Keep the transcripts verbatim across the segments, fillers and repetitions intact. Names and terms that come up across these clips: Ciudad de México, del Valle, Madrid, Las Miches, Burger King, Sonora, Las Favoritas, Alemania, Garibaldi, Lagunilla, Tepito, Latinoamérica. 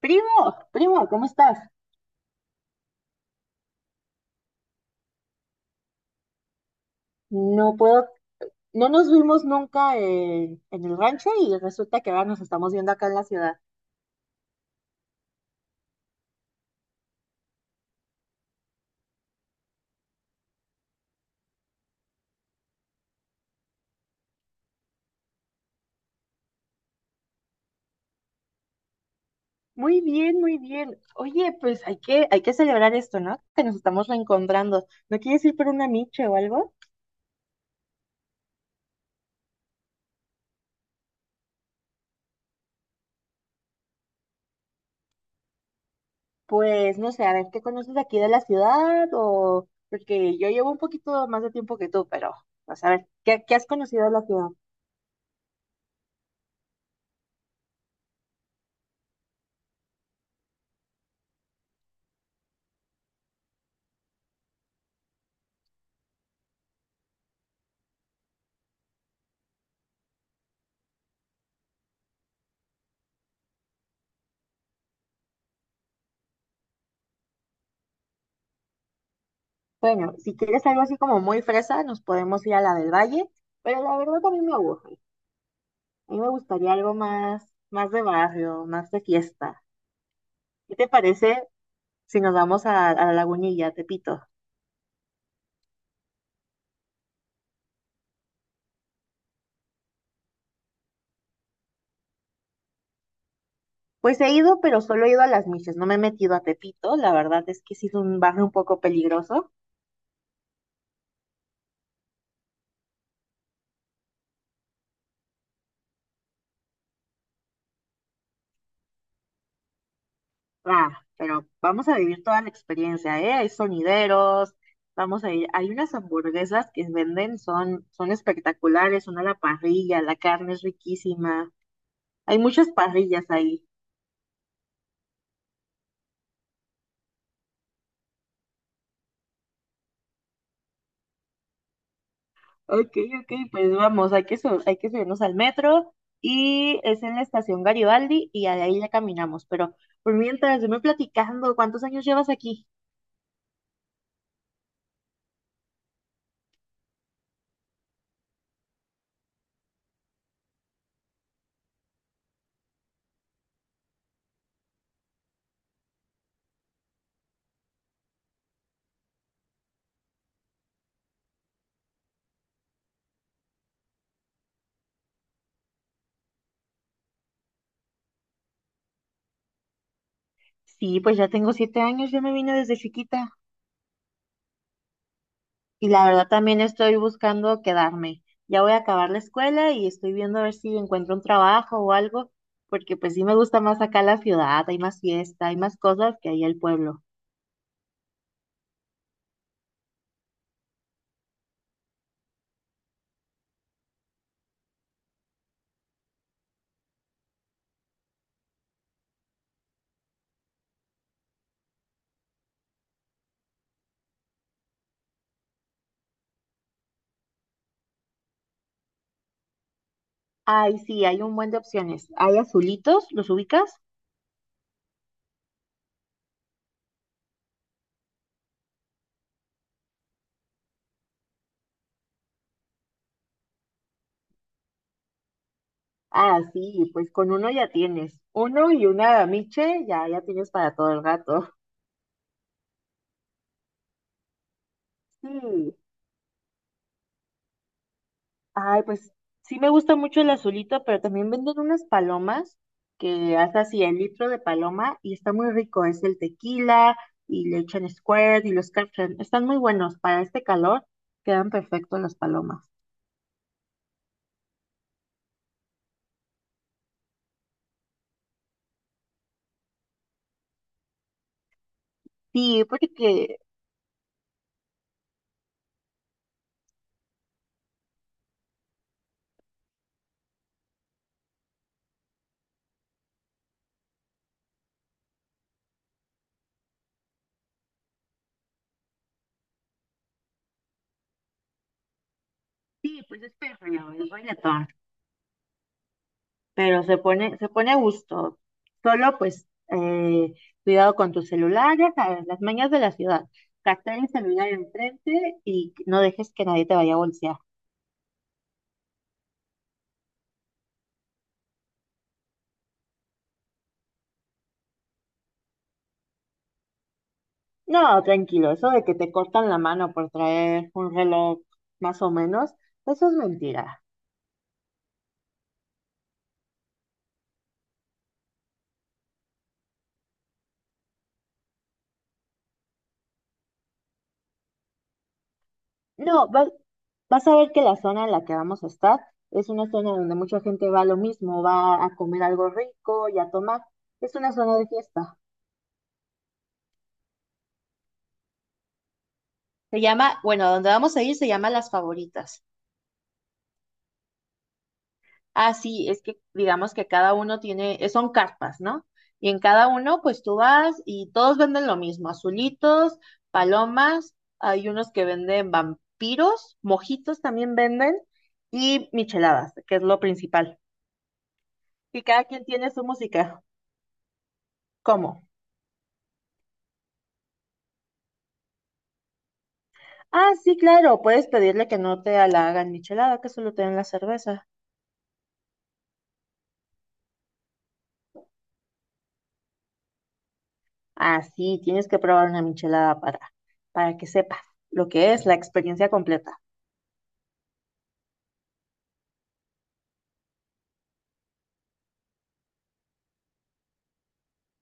Primo, primo, ¿cómo estás? No puedo, no nos vimos nunca eh, en el rancho y resulta que ahora nos estamos viendo acá en la ciudad. Muy bien, muy bien. Oye, pues hay que, hay que celebrar esto, ¿no? Que nos estamos reencontrando. ¿No quieres ir por una miche o algo? Pues no sé, a ver, ¿qué conoces de aquí de la ciudad? O porque yo llevo un poquito más de tiempo que tú, pero vas a ver, ¿qué, qué has conocido de la ciudad? Bueno, si quieres algo así como muy fresa, nos podemos ir a la del Valle, pero la verdad a mí me aburre. A mí me gustaría algo más, más de barrio, más de fiesta. ¿Qué te parece si nos vamos a, a la Lagunilla, a Tepito? Pues he ido, pero solo he ido a Las Miches, no me he metido a Tepito. La verdad es que sí es un barrio un poco peligroso. Ah, pero vamos a vivir toda la experiencia, ¿eh? Hay sonideros, vamos a ir. Hay unas hamburguesas que venden, son, son espectaculares, son a la parrilla, la carne es riquísima. Hay muchas parrillas ahí. Ok, ok, pues vamos, hay que sub- hay que subirnos al metro y es en la estación Garibaldi y de ahí ya caminamos. Pero por mientras, yo me platicando, ¿cuántos años llevas aquí? Sí, pues ya tengo siete años, yo me vine desde chiquita y la verdad también estoy buscando quedarme. Ya voy a acabar la escuela y estoy viendo a ver si encuentro un trabajo o algo, porque pues sí me gusta más acá la ciudad, hay más fiesta, hay más cosas que ahí el pueblo. Ay, sí, hay un buen de opciones. Hay azulitos, ¿los ubicas? Ah, sí, pues con uno ya tienes. Uno y una miche ya, ya tienes para todo el gato. Sí. Ay, pues sí me gusta mucho el azulito, pero también venden unas palomas que hasta así el litro de paloma y está muy rico. Es el tequila y le echan Squirt y los Captain. Están muy buenos. Para este calor quedan perfectos las palomas. Sí, porque sí, pues es perreo, es reggaetón. Pero se pone, se pone a gusto. Solo pues eh, cuidado con tus celulares, ¿sabes? Las mañas de la ciudad. Captar el celular enfrente y no dejes que nadie te vaya a bolsear. No, tranquilo, eso de que te cortan la mano por traer un reloj más o menos, eso es mentira. No, va- vas a ver que la zona en la que vamos a estar es una zona donde mucha gente va a lo mismo, va a comer algo rico y a tomar. Es una zona de fiesta. Se llama, bueno, donde vamos a ir se llama Las Favoritas. Ah, sí, es que digamos que cada uno tiene, eh, son carpas, ¿no? Y en cada uno, pues tú vas y todos venden lo mismo, azulitos, palomas, hay unos que venden vampiros, mojitos también venden y micheladas, que es lo principal. Y cada quien tiene su música. ¿Cómo? Ah, sí, claro, puedes pedirle que no te la hagan michelada, que solo te den la cerveza. Ah, sí, tienes que probar una michelada para, para, que sepas lo que es la experiencia completa.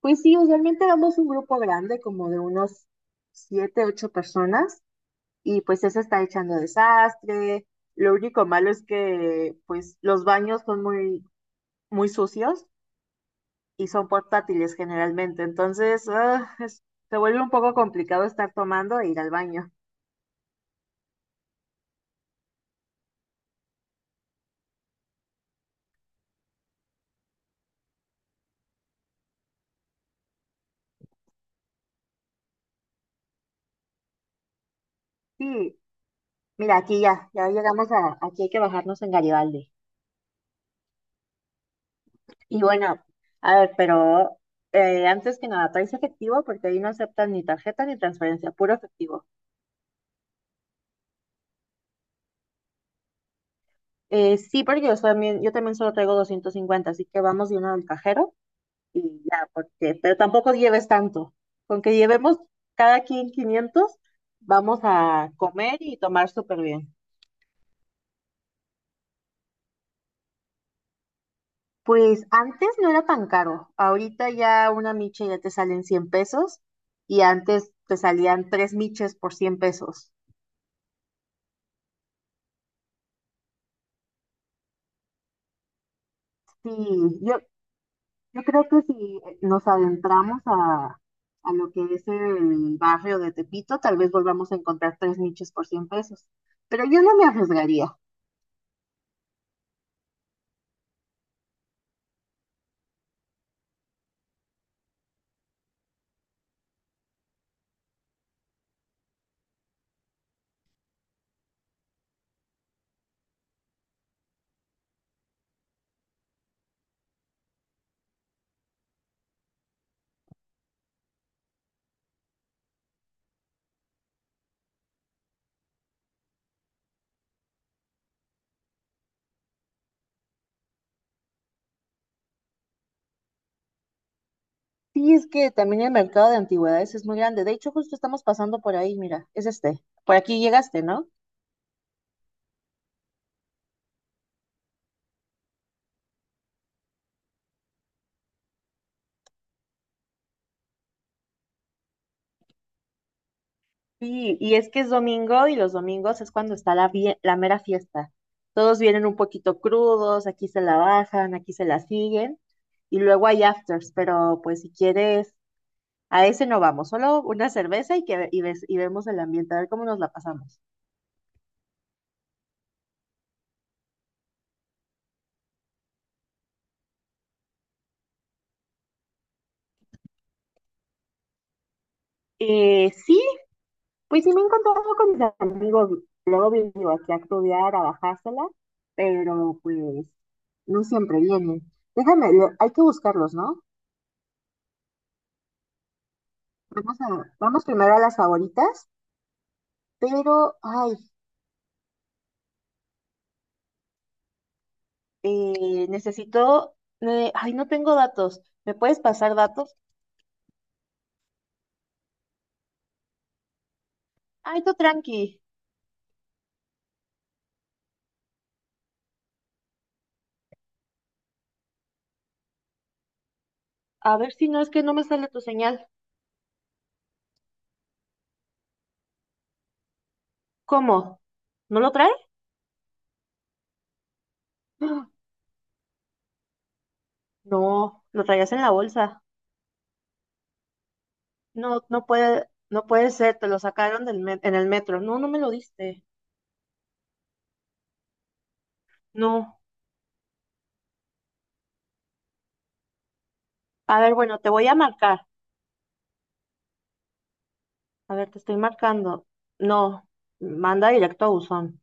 Pues sí, usualmente vamos un grupo grande, como de unos siete, ocho personas, y pues eso está echando desastre. Lo único malo es que pues los baños son muy, muy sucios y son portátiles generalmente, entonces ah, es- se vuelve un poco complicado estar tomando e ir al baño. Sí, mira, aquí ya, ya llegamos a, aquí hay que bajarnos en Garibaldi. Y bueno, a ver, pero eh, antes que nada, ¿traes efectivo? Porque ahí no aceptan ni tarjeta ni transferencia, puro efectivo. Eh, sí, porque yo también, yo también solo traigo doscientos cincuenta, así que vamos de uno al cajero y ya, porque, pero tampoco lleves tanto. Con que llevemos cada quien quinientos, vamos a comer y tomar súper bien. Pues antes no era tan caro. Ahorita ya una micha ya te salen cien pesos y antes te salían tres miches por cien pesos. Sí, yo, Yo creo que si nos adentramos a, a lo que es el barrio de Tepito, tal vez volvamos a encontrar tres nichos por cien pesos. Pero yo no me arriesgaría. Sí, es que también el mercado de antigüedades es muy grande. De hecho, justo estamos pasando por ahí, mira, es este. Por aquí llegaste, ¿no? Sí, y es que es domingo y los domingos es cuando está la, vie- la mera fiesta. Todos vienen un poquito crudos, aquí se la bajan, aquí se la siguen y luego hay afters, pero pues si quieres A ese no vamos, solo una cerveza y, que, y, ves- y vemos el ambiente, a ver cómo nos la pasamos. Eh, sí, pues sí me he encontrado con mis amigos. Luego vengo aquí a estudiar, a bajársela, pero pues no siempre vienen. Déjame, lo- hay que buscarlos, ¿no? Vamos a, vamos primero a las favoritas, pero, ay, Eh, necesito, eh, ay, no tengo datos. ¿Me puedes pasar datos? Ay, tú tranqui. A ver si no es que no me sale tu señal. ¿Cómo? ¿No lo trae? No, lo traías en la bolsa. No, no puede, no puede ser, te lo sacaron del met- en el metro. No, no me lo diste. No. A ver, bueno, te voy a marcar. A ver, te estoy marcando. No, manda directo a buzón.